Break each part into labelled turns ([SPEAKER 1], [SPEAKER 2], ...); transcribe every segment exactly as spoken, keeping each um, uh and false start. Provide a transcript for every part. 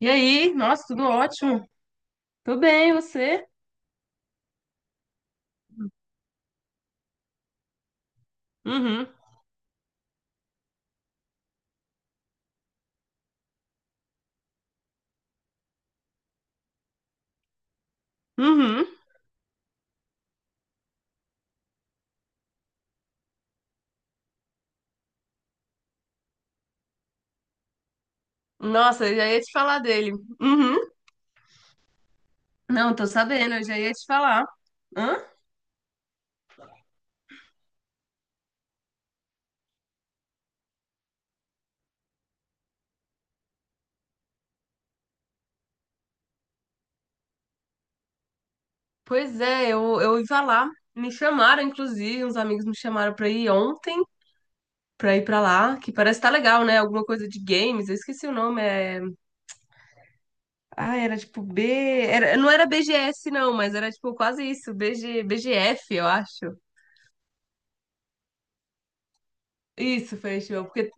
[SPEAKER 1] E aí? Nossa, tudo ótimo. Tudo bem, e você? Uhum. Uhum. Nossa, eu já ia te falar dele. Uhum. Não, tô sabendo, eu já ia te falar. Hã? Pois é, eu, eu ia lá. Me chamaram, inclusive, uns amigos me chamaram pra ir ontem, pra ir pra lá, que parece que tá legal, né? Alguma coisa de games, eu esqueci o nome, é... Ah, era tipo B... Era... Não era B G S, não, mas era tipo quase isso, BG... B G F, eu acho. Isso, festival, porque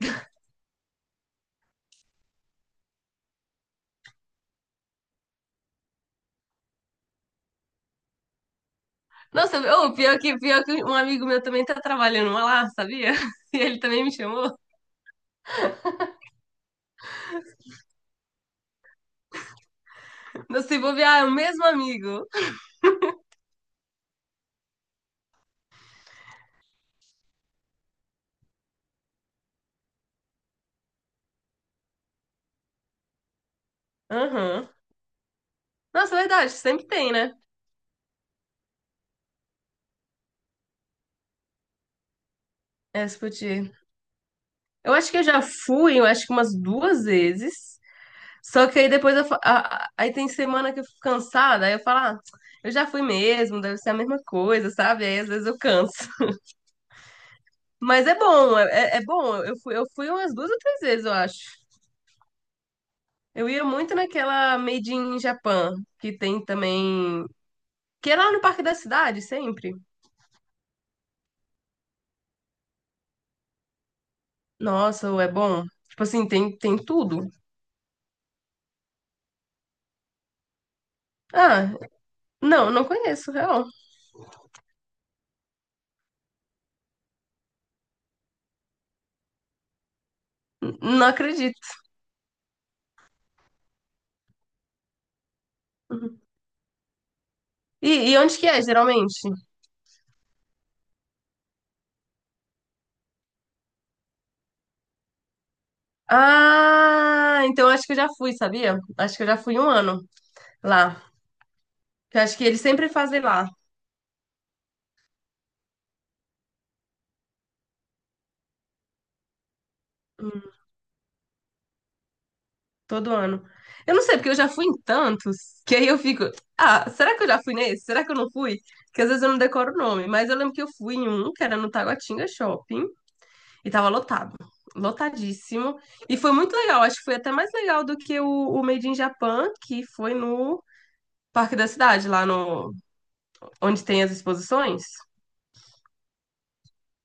[SPEAKER 1] nossa, ô, pior que, pior que um amigo meu também tá trabalhando uma lá, sabia? E ele também me chamou. Não se bobear, é o mesmo amigo. Aham. Nossa, é verdade, sempre tem, né? É, discutir. Eu acho que eu já fui, eu acho que umas duas vezes. Só que aí depois eu, fa- a- a- aí tem semana que eu fico cansada, aí eu falo, ah, eu já fui mesmo, deve ser a mesma coisa, sabe? Aí às vezes eu canso. Mas é bom, é, é é bom. Eu fui, eu fui umas duas ou três vezes, eu acho. Eu ia muito naquela Made in Japan, que tem também, que é lá no Parque da Cidade, sempre. Nossa, ou é bom? Tipo assim, tem, tem tudo. Ah, não não conheço, real. N- Não acredito. Uhum. E, e onde que é, geralmente? Ah, então acho que eu já fui, sabia? Acho que eu já fui um ano lá. Eu acho que eles sempre fazem lá, hum, todo ano. Eu não sei, porque eu já fui em tantos, que aí eu fico, ah, será que eu já fui nesse? Será que eu não fui? Que às vezes eu não decoro o nome, mas eu lembro que eu fui em um, que era no Taguatinga Shopping. E tava lotado, lotadíssimo. E foi muito legal, acho que foi até mais legal do que o, o Made in Japan, que foi no Parque da Cidade, lá no, onde tem as exposições.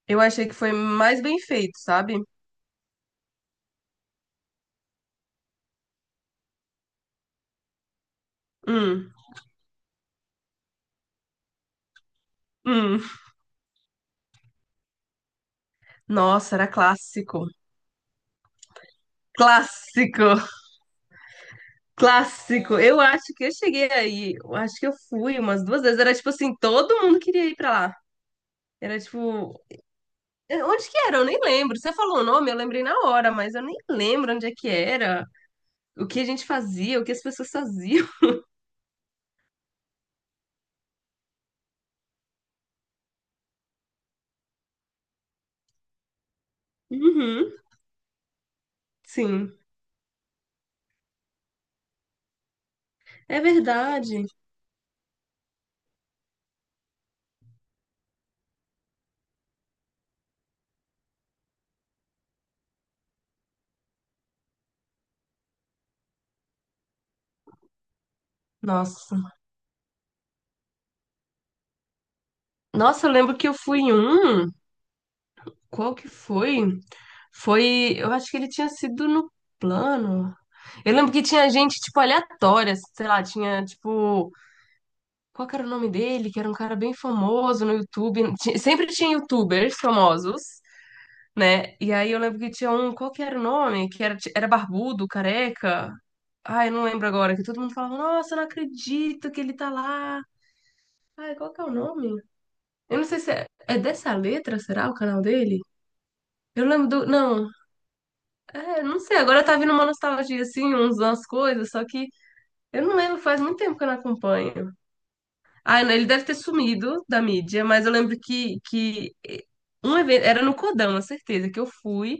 [SPEAKER 1] Eu achei que foi mais bem feito, sabe? Hum, hum. Nossa, era clássico. Clássico, clássico. Eu acho que eu cheguei aí, eu acho que eu fui umas duas vezes. Era tipo assim, todo mundo queria ir pra lá. Era tipo, eh, onde que era? Eu nem lembro. Você falou o nome, eu lembrei na hora, mas eu nem lembro onde é que era. O que a gente fazia, o que as pessoas faziam. Uhum, sim, é verdade. Nossa. Nossa, eu lembro que eu fui em um. Qual que foi? Foi. Eu acho que ele tinha sido no plano. Eu lembro que tinha gente, tipo, aleatória, sei lá, tinha, tipo. Qual que era o nome dele? Que era um cara bem famoso no YouTube. Ti- Sempre tinha YouTubers famosos, né? E aí eu lembro que tinha um, qual que era o nome? Que era, era barbudo, careca. Ai, eu não lembro agora, que todo mundo falava, nossa, eu não acredito que ele tá lá. Ai, qual que é o nome? Eu não sei se é, é dessa letra, será o canal dele? Eu lembro do. Não, é, não sei, agora tá vindo uma nostalgia, assim, uns, umas coisas, só que eu não lembro, faz muito tempo que eu não acompanho. Ah, não, ele deve ter sumido da mídia, mas eu lembro que, que um evento, era no Codão, a certeza, que eu fui.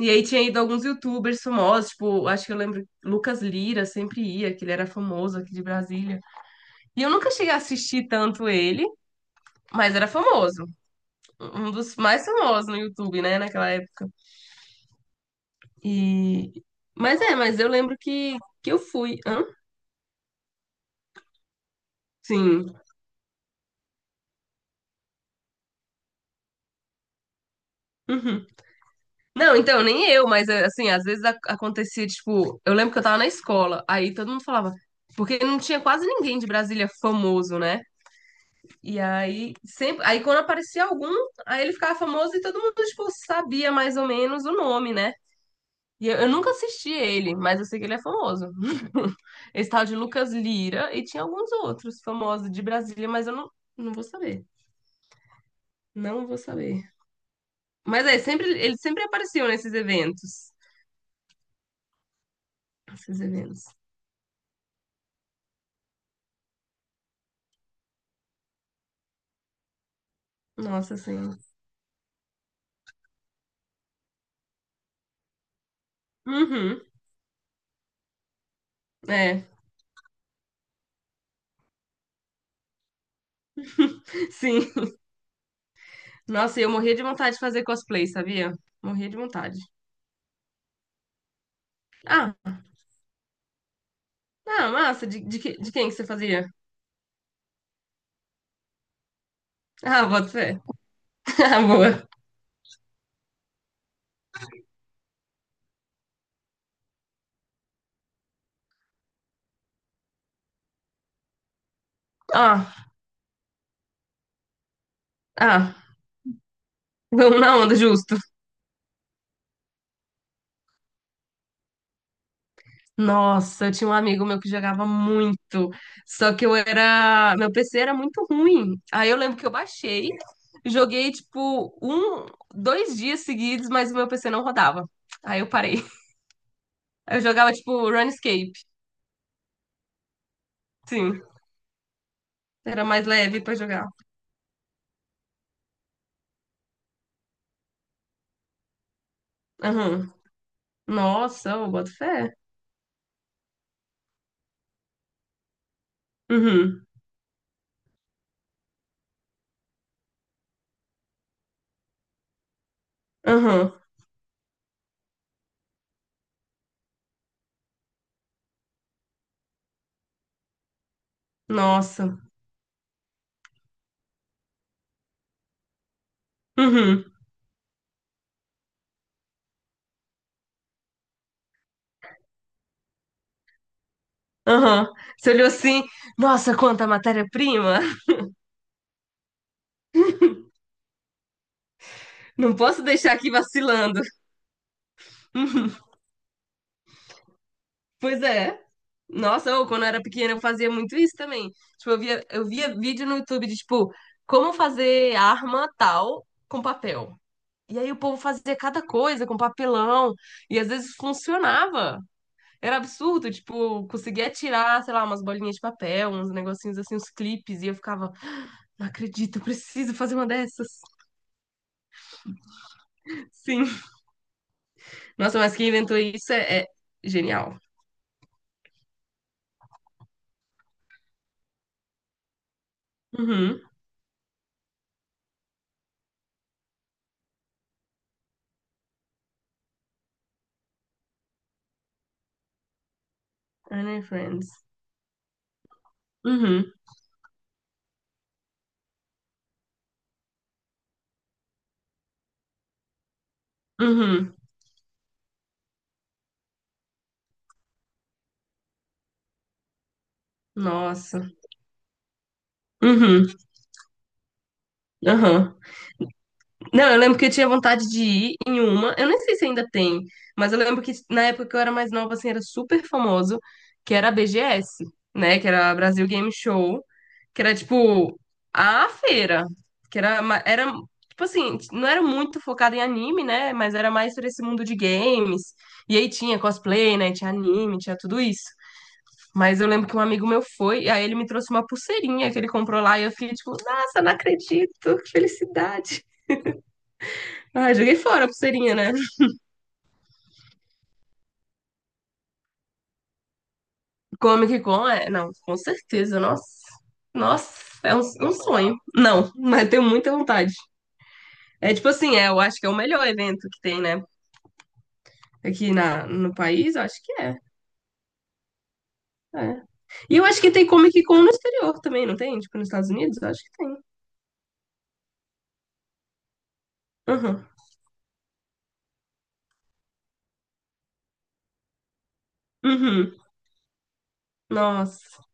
[SPEAKER 1] E aí tinha ido alguns youtubers famosos, tipo, acho que eu lembro, Lucas Lira sempre ia, que ele era famoso aqui de Brasília. E eu nunca cheguei a assistir tanto ele, mas era famoso. Um dos mais famosos no YouTube, né, naquela época. E... Mas é, mas eu lembro que, que eu fui. Hã? Sim. Uhum. Não, então, nem eu, mas é, assim, às vezes ac- acontecia, tipo, eu lembro que eu tava na escola, aí todo mundo falava, porque não tinha quase ninguém de Brasília famoso, né? E aí, sempre, aí quando aparecia algum, aí ele ficava famoso e todo mundo, tipo, sabia mais ou menos o nome, né? E eu, eu nunca assisti ele, mas eu sei que ele é famoso. Esse tal de Lucas Lira e tinha alguns outros famosos de Brasília, mas eu não, não vou saber. Não vou saber. Mas é, sempre, ele sempre apareciam nesses eventos. Esses eventos. Nossa Senhora. Uhum, é, sim. Nossa, eu morria de vontade de fazer cosplay, sabia? Morria de vontade. Ah, ah, massa. De, de, que- de quem que você fazia? Ah, pode ser. Ah, boa. Ó, ah, vamos na onda, justo. Nossa, eu tinha um amigo meu que jogava muito, só que eu era. Meu P C era muito ruim. Aí eu lembro que eu baixei, joguei tipo um, dois dias seguidos, mas o meu P C não rodava. Aí eu parei. Eu jogava tipo Runescape. Sim, era mais leve pra jogar. Aham. Nossa, eu boto fé. Uhum. Aham. Nossa. Uhum. Aham. Você olhou assim, nossa, quanta matéria-prima! Não posso deixar aqui vacilando. Uhum. Pois é. Nossa, ou quando eu era pequena eu fazia muito isso também. Tipo, eu via, eu via vídeo no YouTube de, tipo, como fazer arma tal com papel. E aí o povo fazia cada coisa com papelão. E às vezes funcionava. Era absurdo, tipo, conseguia tirar, sei lá, umas bolinhas de papel, uns negocinhos assim, uns clipes. E eu ficava, "Ah, não acredito, eu preciso fazer uma dessas. Sim. Nossa, mas quem inventou isso é, é genial. Uhum. Anne and Friends. Uhum. Uhum. Nossa. Uhum. Aham. Não, eu lembro que eu tinha vontade de ir em uma. Eu nem sei se ainda tem, mas eu lembro que na época que eu era mais nova, assim, era super famoso, que era a B G S, né? Que era a Brasil Game Show, que era tipo a feira, que era, ma- era tipo assim, não era muito focado em anime, né? Mas era mais por esse mundo de games. E aí tinha cosplay, né? Tinha anime, tinha tudo isso. Mas eu lembro que um amigo meu foi, e aí ele me trouxe uma pulseirinha que ele comprou lá, e eu fiquei tipo, nossa, não acredito, que felicidade. Ah, joguei fora a pulseirinha, né? Comic Con é. Não, com certeza. Nossa. Nossa, é um, um sonho. Não, mas tenho muita vontade. É tipo assim, é, eu acho que é o melhor evento que tem, né? Aqui na, no país, eu acho que é. É. E eu acho que tem Comic Con no exterior também, não tem? Tipo, nos Estados Unidos? Eu acho que tem. Uhum. Uhum. Nossa,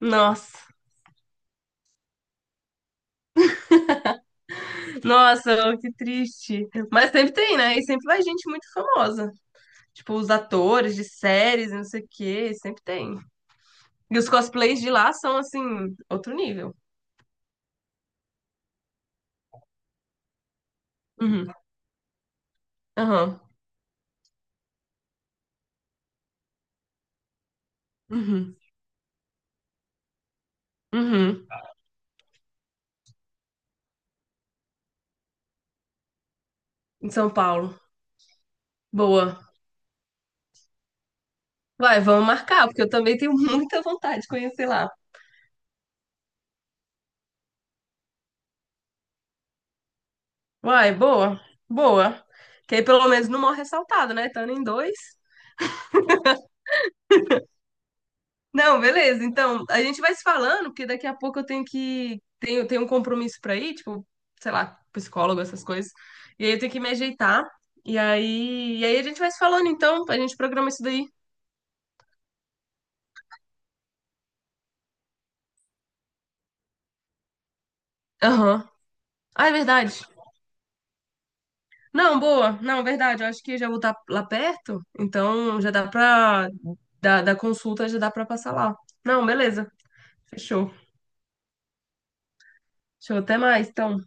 [SPEAKER 1] nossa, nossa, que triste. Mas sempre tem, né? E sempre vai gente muito famosa. Tipo, os atores de séries, não sei o quê, sempre tem. E os cosplays de lá são, assim, outro nível. Uhum. Aham. Uhum. Uhum. Em São Paulo. Boa. Vai, vamos marcar, porque eu também tenho muita vontade de conhecer lá. Vai, boa. Boa. Que aí pelo menos não morre ressaltado, né? Estando em dois. Não, beleza. Então, a gente vai se falando, porque daqui a pouco eu tenho que. Tenho, tenho um compromisso pra ir, tipo, sei lá, psicólogo, essas coisas. E aí eu tenho que me ajeitar. E aí, e aí a gente vai se falando, então, a gente programa isso daí. Aham. Ah, é verdade. Não, boa. Não, verdade. Eu acho que já vou estar lá perto, então já dá pra. Da, da consulta já dá pra passar lá. Não, beleza. Fechou. Fechou. Até mais, então.